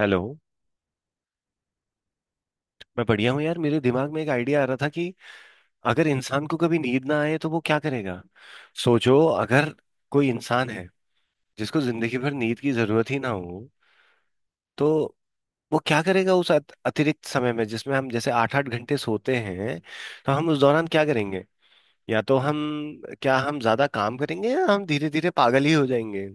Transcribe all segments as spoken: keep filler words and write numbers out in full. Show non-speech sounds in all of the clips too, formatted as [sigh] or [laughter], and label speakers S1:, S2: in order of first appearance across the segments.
S1: Hello. मैं बढ़िया हूँ यार। मेरे दिमाग में एक आइडिया आ रहा था कि अगर इंसान को कभी नींद ना आए तो वो क्या करेगा। सोचो, अगर कोई इंसान है जिसको जिंदगी भर नींद की जरूरत ही ना हो तो वो क्या करेगा उस अत- अतिरिक्त समय में जिसमें हम जैसे आठ आठ घंटे सोते हैं। तो हम उस दौरान क्या करेंगे? या तो हम क्या हम ज्यादा काम करेंगे या हम धीरे धीरे पागल ही हो जाएंगे?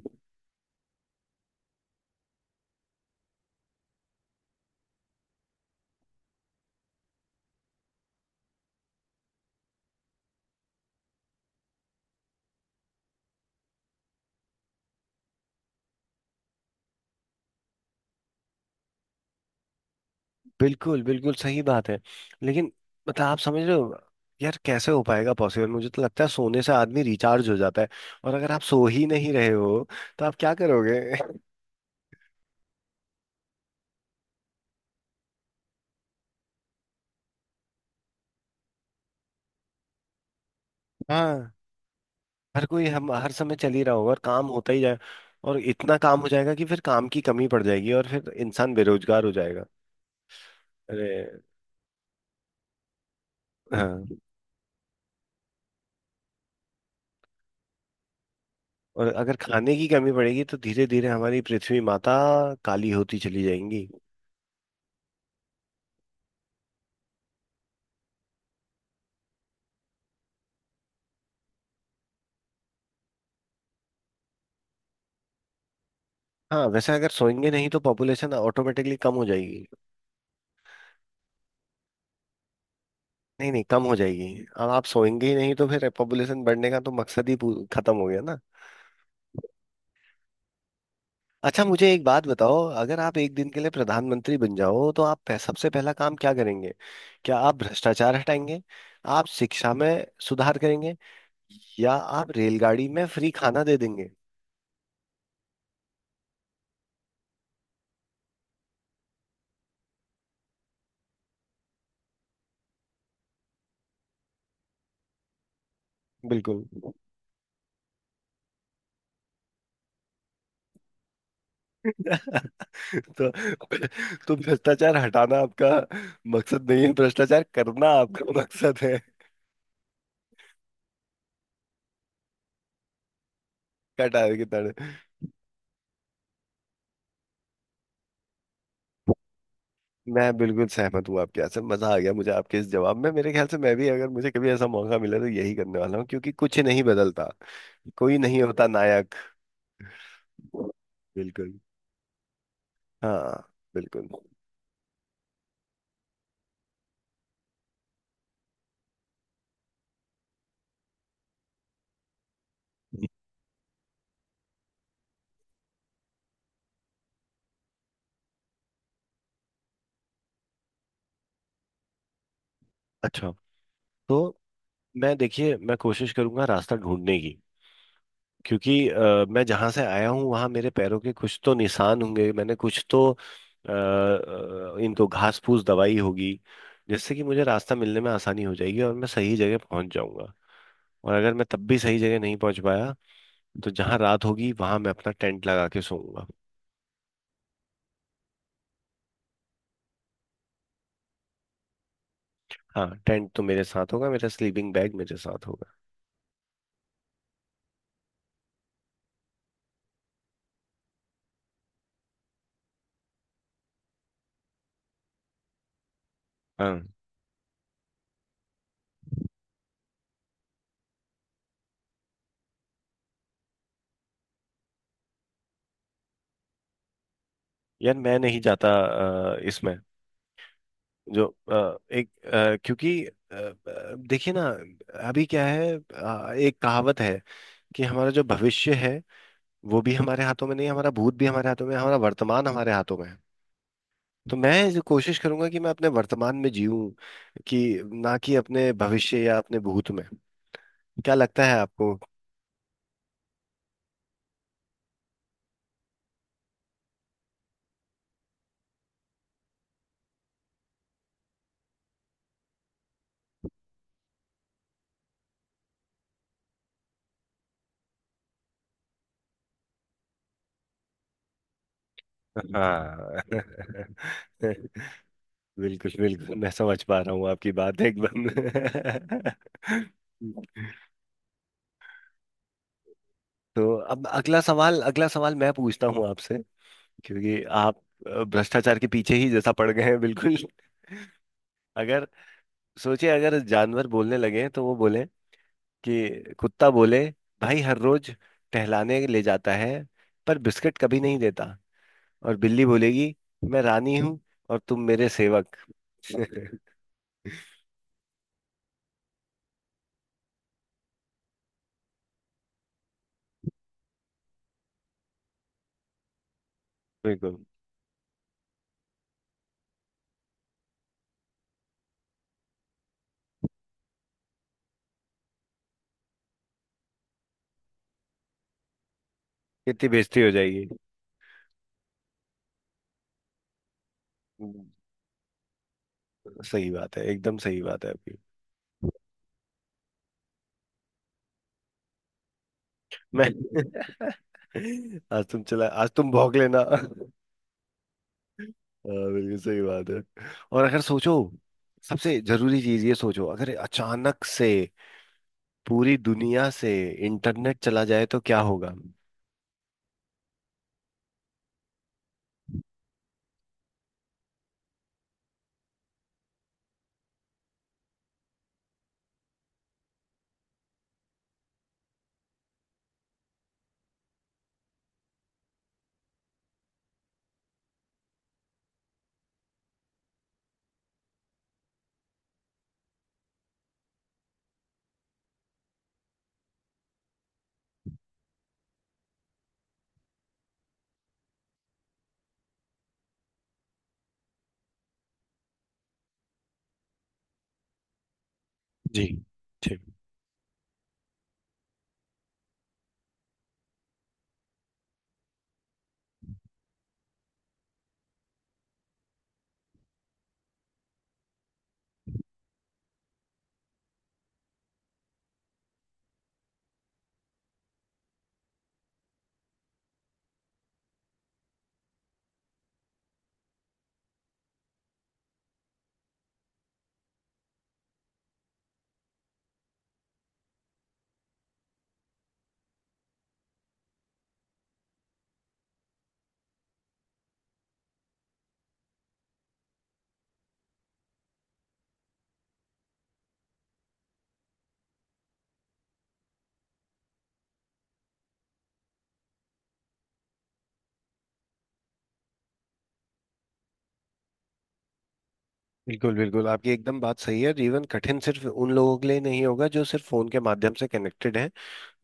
S1: बिल्कुल बिल्कुल सही बात है। लेकिन मतलब आप समझ रहे हो? यार कैसे हो पाएगा पॉसिबल? मुझे तो लगता है सोने से आदमी रिचार्ज हो जाता है। और अगर आप सो ही नहीं रहे हो तो आप क्या करोगे? [laughs] हाँ, हर कोई हम हर समय चल ही रहा होगा और काम होता ही जाए। और इतना काम हो जाएगा कि फिर काम की कमी पड़ जाएगी और फिर इंसान बेरोजगार हो जाएगा। अरे, हाँ। और अगर खाने की कमी पड़ेगी तो धीरे धीरे हमारी पृथ्वी माता काली होती चली जाएंगी। हाँ, वैसे अगर सोएंगे नहीं तो पॉपुलेशन ऑटोमेटिकली कम हो जाएगी। नहीं नहीं, कम हो जाएगी। अब आप सोएंगे ही नहीं तो फिर पॉपुलेशन बढ़ने का तो मकसद ही पू- खत्म हो गया ना। अच्छा, मुझे एक बात बताओ। अगर आप एक दिन के लिए प्रधानमंत्री बन जाओ तो आप पह- सबसे पहला काम क्या करेंगे? क्या आप भ्रष्टाचार हटाएंगे? आप शिक्षा में सुधार करेंगे? या आप रेलगाड़ी में फ्री खाना दे देंगे? बिल्कुल। [laughs] तो तो भ्रष्टाचार हटाना आपका मकसद नहीं है, भ्रष्टाचार करना आपका मकसद है। क्या टायर की तरह? मैं बिल्कुल सहमत हूँ आपके। यहाँ से मजा आ गया मुझे आपके इस जवाब में। मेरे ख्याल से मैं भी अगर मुझे कभी ऐसा मौका मिला तो यही करने वाला हूँ क्योंकि कुछ नहीं बदलता। कोई नहीं होता नायक। बिल्कुल। हाँ, बिल्कुल। अच्छा, तो मैं देखिए, मैं कोशिश करूंगा रास्ता ढूंढने की। क्योंकि अ, मैं जहां से आया हूँ वहां मेरे पैरों के कुछ तो निशान होंगे। मैंने कुछ तो अ, अ, इनको घास फूस दवाई होगी, जिससे कि मुझे रास्ता मिलने में आसानी हो जाएगी और मैं सही जगह पहुंच जाऊंगा। और अगर मैं तब भी सही जगह नहीं पहुंच पाया तो जहां रात होगी वहां मैं अपना टेंट लगा के सोऊंगा। हाँ, टेंट तो मेरे साथ होगा, मेरा स्लीपिंग बैग मेरे साथ होगा। हाँ, यार मैं नहीं जाता। अ, इसमें जो, अ, एक, अ, क्योंकि, अ, अ, देखिए ना। अभी क्या है? अ, एक कहावत है कि हमारा जो भविष्य है वो भी हमारे हाथों में नहीं, हमारा भूत भी हमारे हाथों में, हमारा वर्तमान हमारे हाथों में है। तो मैं जो कोशिश करूंगा कि मैं अपने वर्तमान में जीऊं। कि ना कि अपने भविष्य या अपने भूत में। क्या लगता है आपको? हाँ। [laughs] बिल्कुल बिल्कुल, मैं समझ पा रहा हूँ आपकी बात एकदम। [laughs] तो अब अगला सवाल, अगला सवाल मैं पूछता हूँ आपसे, क्योंकि आप अ, भ्रष्टाचार के पीछे ही जैसा पड़ गए हैं बिल्कुल। अगर सोचिए, अगर जानवर बोलने लगे तो वो बोले कि कुत्ता बोले, भाई हर रोज टहलाने ले जाता है पर बिस्किट कभी नहीं देता। और बिल्ली बोलेगी, मैं रानी हूँ और तुम मेरे सेवक। [laughs] बिल्कुल। कितनी बेइज्जती हो जाएगी। हम्म, सही बात है, एकदम सही बात है आपकी। मैं [laughs] आज तुम चला आज तुम भौंक लेना। हाँ, बिल्कुल सही बात है। और अगर सोचो सबसे जरूरी चीज ये सोचो, अगर अचानक से पूरी दुनिया से इंटरनेट चला जाए तो क्या होगा? जी। ठीक। बिल्कुल बिल्कुल, आपकी एकदम बात सही है। जीवन कठिन सिर्फ उन लोगों के लिए नहीं होगा जो सिर्फ फोन के माध्यम से कनेक्टेड हैं,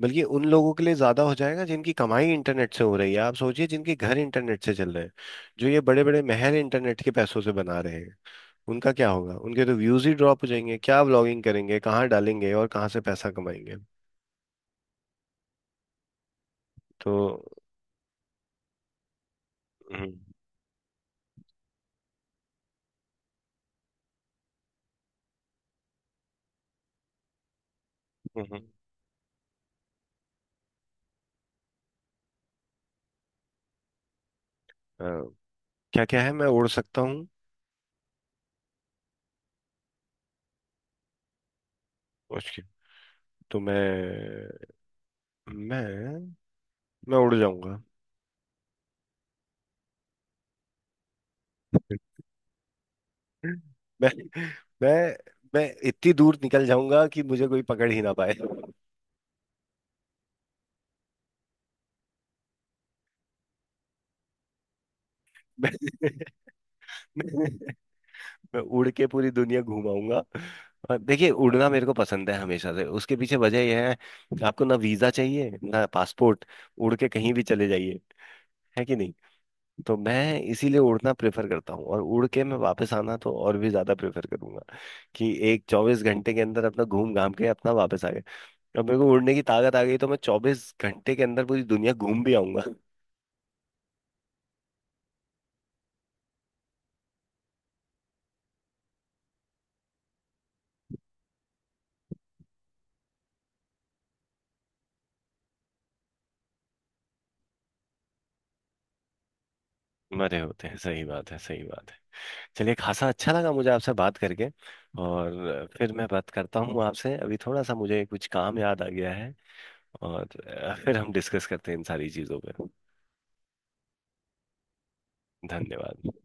S1: बल्कि उन लोगों के लिए ज्यादा हो जाएगा जिनकी कमाई इंटरनेट से हो रही है। आप सोचिए, जिनके घर इंटरनेट से चल रहे हैं, जो ये बड़े बड़े महल इंटरनेट के पैसों से बना रहे हैं, उनका क्या होगा? उनके तो व्यूज ही ड्रॉप हो जाएंगे। क्या व्लॉगिंग करेंगे? कहाँ डालेंगे? और कहाँ से पैसा कमाएंगे? तो हम्म, हम्म, अ, क्या क्या है, मैं उड़ सकता हूँ? उसके तो मैं मैं मैं उड़ जाऊंगा। [laughs] मैं मैं मैं इतनी दूर निकल जाऊंगा कि मुझे कोई पकड़ ही ना पाए। [laughs] मैं, मैं उड़ के पूरी दुनिया घुमाऊंगा। और देखिए, उड़ना मेरे को पसंद है हमेशा से। उसके पीछे वजह यह है, आपको ना वीजा चाहिए ना पासपोर्ट। उड़ के कहीं भी चले जाइए। है कि नहीं? तो मैं इसीलिए उड़ना प्रेफर करता हूँ, और उड़ के मैं वापस आना तो और भी ज्यादा प्रेफर करूंगा। कि एक चौबीस घंटे के अंदर अपना घूम घाम के अपना वापस आ गए। अब मेरे को उड़ने की ताकत आ गई तो मैं चौबीस घंटे के अंदर पूरी दुनिया घूम भी आऊंगा। मरे होते हैं, सही बात है, सही बात है। चलिए, खासा अच्छा लगा मुझे आपसे बात करके। और फिर मैं बात करता हूँ आपसे, अभी थोड़ा सा मुझे कुछ काम याद आ गया है। और फिर हम डिस्कस करते हैं इन सारी चीज़ों पर। धन्यवाद।